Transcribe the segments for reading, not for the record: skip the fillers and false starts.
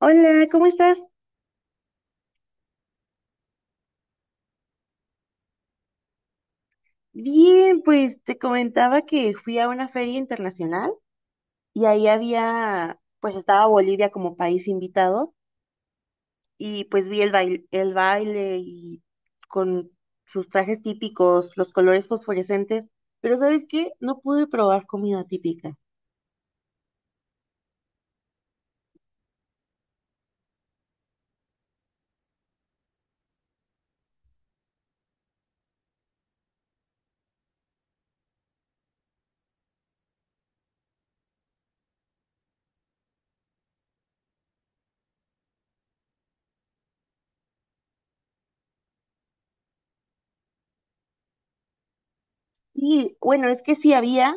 Hola, ¿cómo estás? Bien, pues te comentaba que fui a una feria internacional y ahí había, pues estaba Bolivia como país invitado y pues vi el baile, y con sus trajes típicos, los colores fosforescentes, pero ¿sabes qué? No pude probar comida típica. Sí, bueno, es que sí había,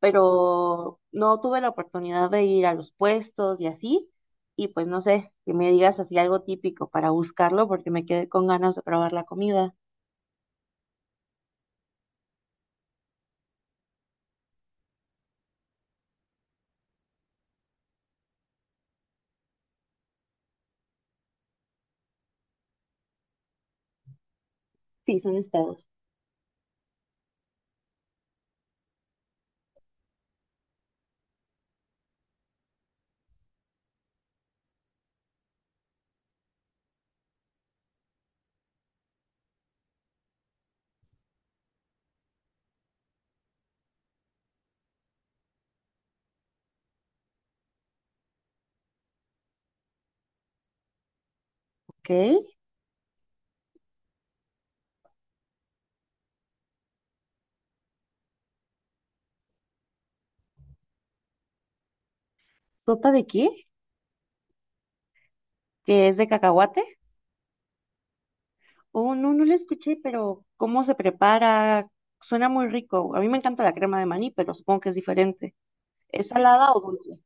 pero no tuve la oportunidad de ir a los puestos y así. Y pues no sé, que me digas así algo típico para buscarlo porque me quedé con ganas de probar la comida. Sí, son estados. Ok. ¿Sopa de qué? ¿Que es de cacahuate? Oh, no, no la escuché, pero ¿cómo se prepara? Suena muy rico. A mí me encanta la crema de maní, pero supongo que es diferente. ¿Es salada o dulce?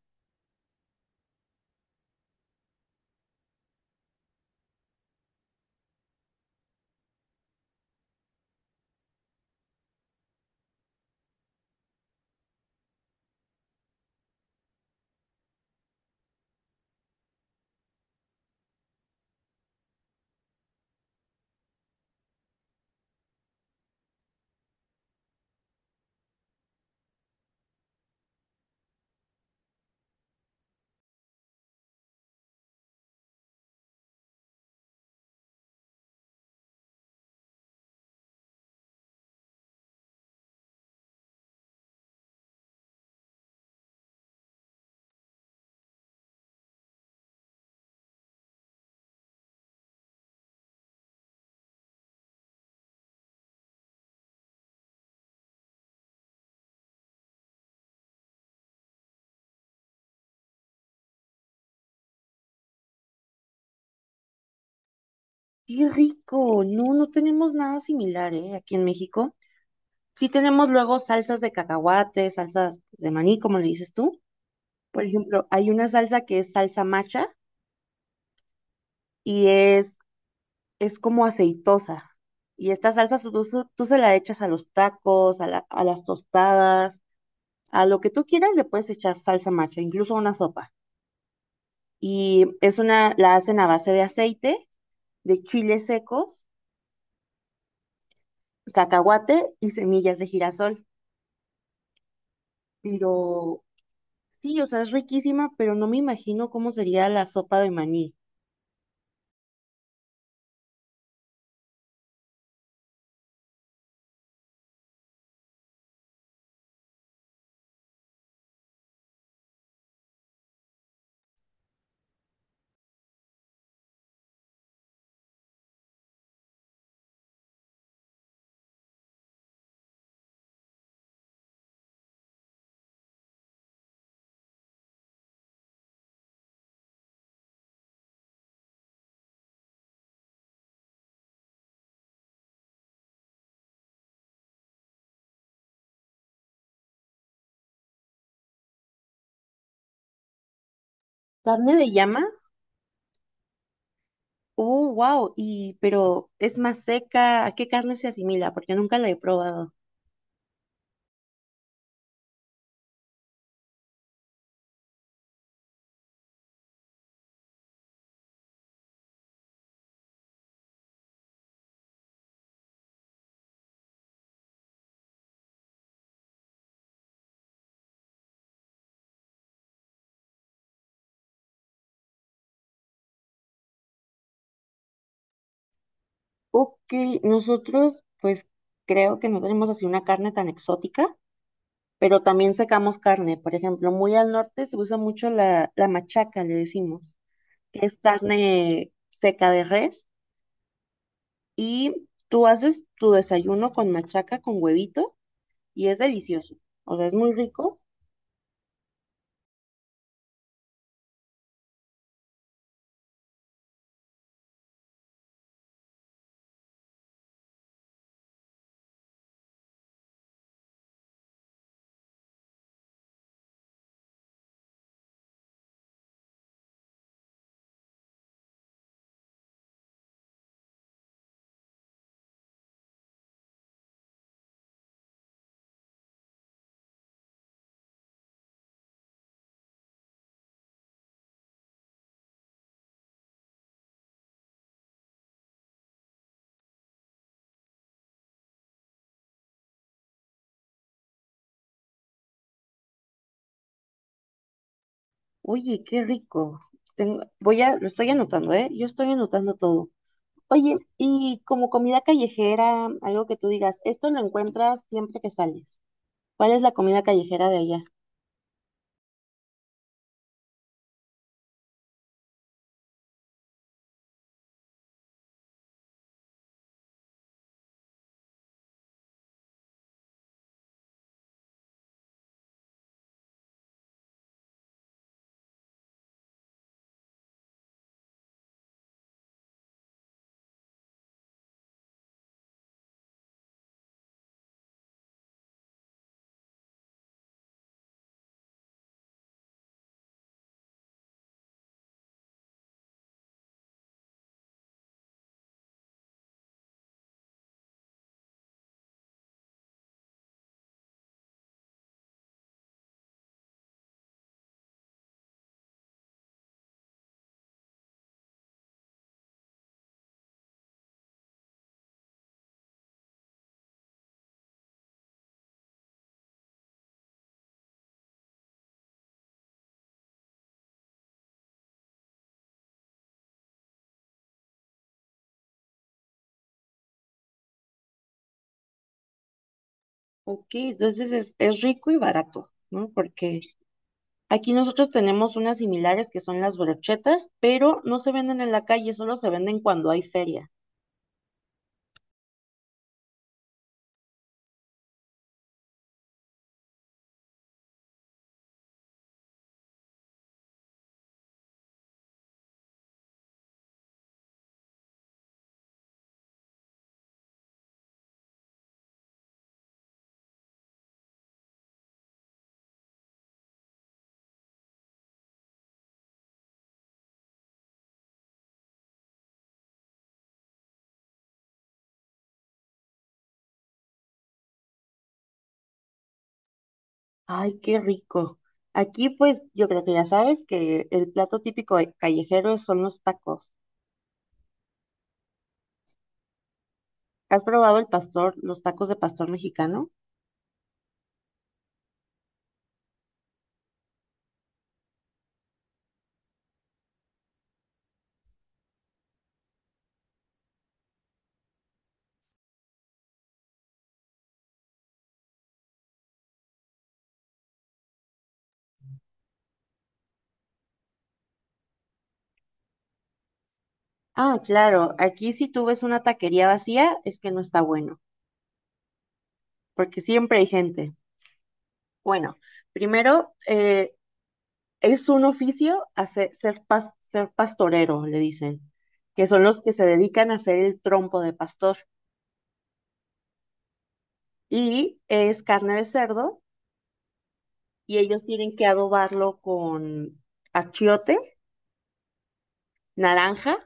Qué rico. No, no tenemos nada similar, ¿eh? Aquí en México. Sí tenemos luego salsas de cacahuate, salsas pues, de maní, como le dices tú. Por ejemplo, hay una salsa que es salsa macha y es como aceitosa. Y esta salsa tú se la echas a los tacos, a, a las tostadas, a lo que tú quieras le puedes echar salsa macha, incluso a una sopa. Y es una, la hacen a base de aceite, de chiles secos, cacahuate y semillas de girasol. Pero sí, o sea, es riquísima, pero no me imagino cómo sería la sopa de maní. ¿Carne de llama? Wow. Y, pero es más seca. ¿A qué carne se asimila? Porque nunca la he probado. Ok, nosotros, pues creo que no tenemos así una carne tan exótica, pero también sacamos carne. Por ejemplo, muy al norte se usa mucho la machaca, le decimos, que es carne seca de res. Y tú haces tu desayuno con machaca, con huevito, y es delicioso. O sea, es muy rico. Oye, qué rico. Tengo- voy a, lo estoy anotando, ¿eh? Yo estoy anotando todo. Oye, y como comida callejera, algo que tú digas, esto lo encuentras siempre que sales. ¿Cuál es la comida callejera de allá? Ok, entonces es rico y barato, ¿no? Porque aquí nosotros tenemos unas similares que son las brochetas, pero no se venden en la calle, solo se venden cuando hay feria. Ay, qué rico. Aquí, pues, yo creo que ya sabes que el plato típico de- callejero son los tacos. ¿Has probado el pastor, los tacos de pastor mexicano? Ah, claro, aquí si tú ves una taquería vacía es que no está bueno, porque siempre hay gente. Bueno, primero, es un oficio hacer, ser, ser pastorero, le dicen, que son los que se dedican a hacer el trompo de pastor. Y es carne de cerdo y ellos tienen que adobarlo con achiote, naranja,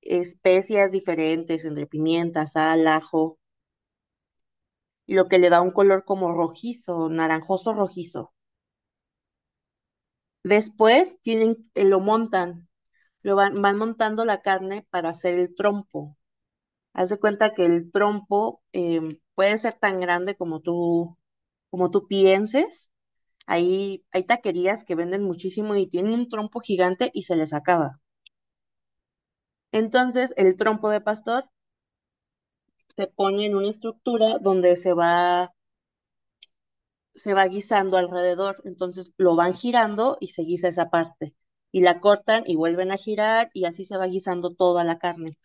especias diferentes, entre pimienta, sal, ajo lo que le da un color como rojizo, naranjoso rojizo. Después tienen, lo montan, lo van, van montando la carne para hacer el trompo. Haz de cuenta que el trompo puede ser tan grande como tú pienses. Ahí hay taquerías que venden muchísimo y tienen un trompo gigante y se les acaba. Entonces, el trompo de pastor se pone en una estructura donde se va guisando alrededor, entonces lo van girando y se guisa esa parte. Y la cortan y vuelven a girar y así se va guisando toda la carne.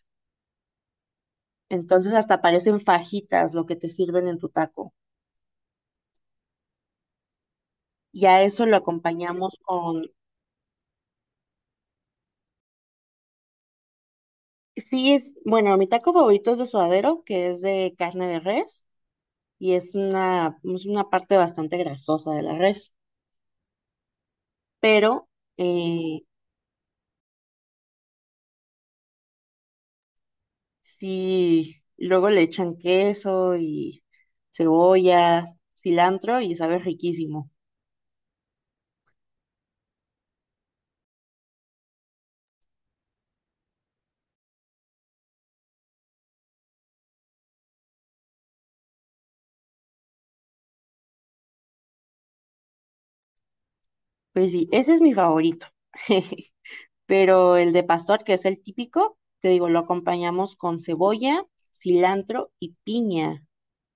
Entonces hasta parecen fajitas lo que te sirven en tu taco. Y a eso lo acompañamos con, sí es, bueno, mi taco favorito es de suadero, que es de carne de res y es una parte bastante grasosa de la res, pero eh, sí, luego le echan queso y cebolla, cilantro y sabe riquísimo. Pues sí, ese es mi favorito. Pero el de pastor, que es el típico, te digo, lo acompañamos con cebolla, cilantro y piña,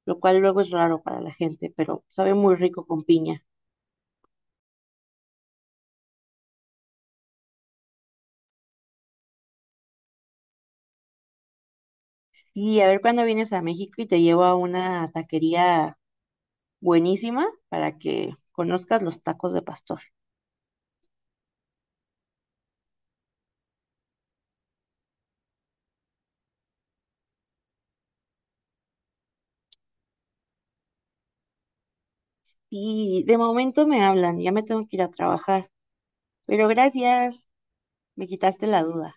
lo cual luego es raro para la gente, pero sabe muy rico con piña. Y a ver cuándo vienes a México y te llevo a una taquería buenísima para que conozcas los tacos de pastor. Y de momento me hablan, ya me tengo que ir a trabajar. Pero gracias, me quitaste la duda.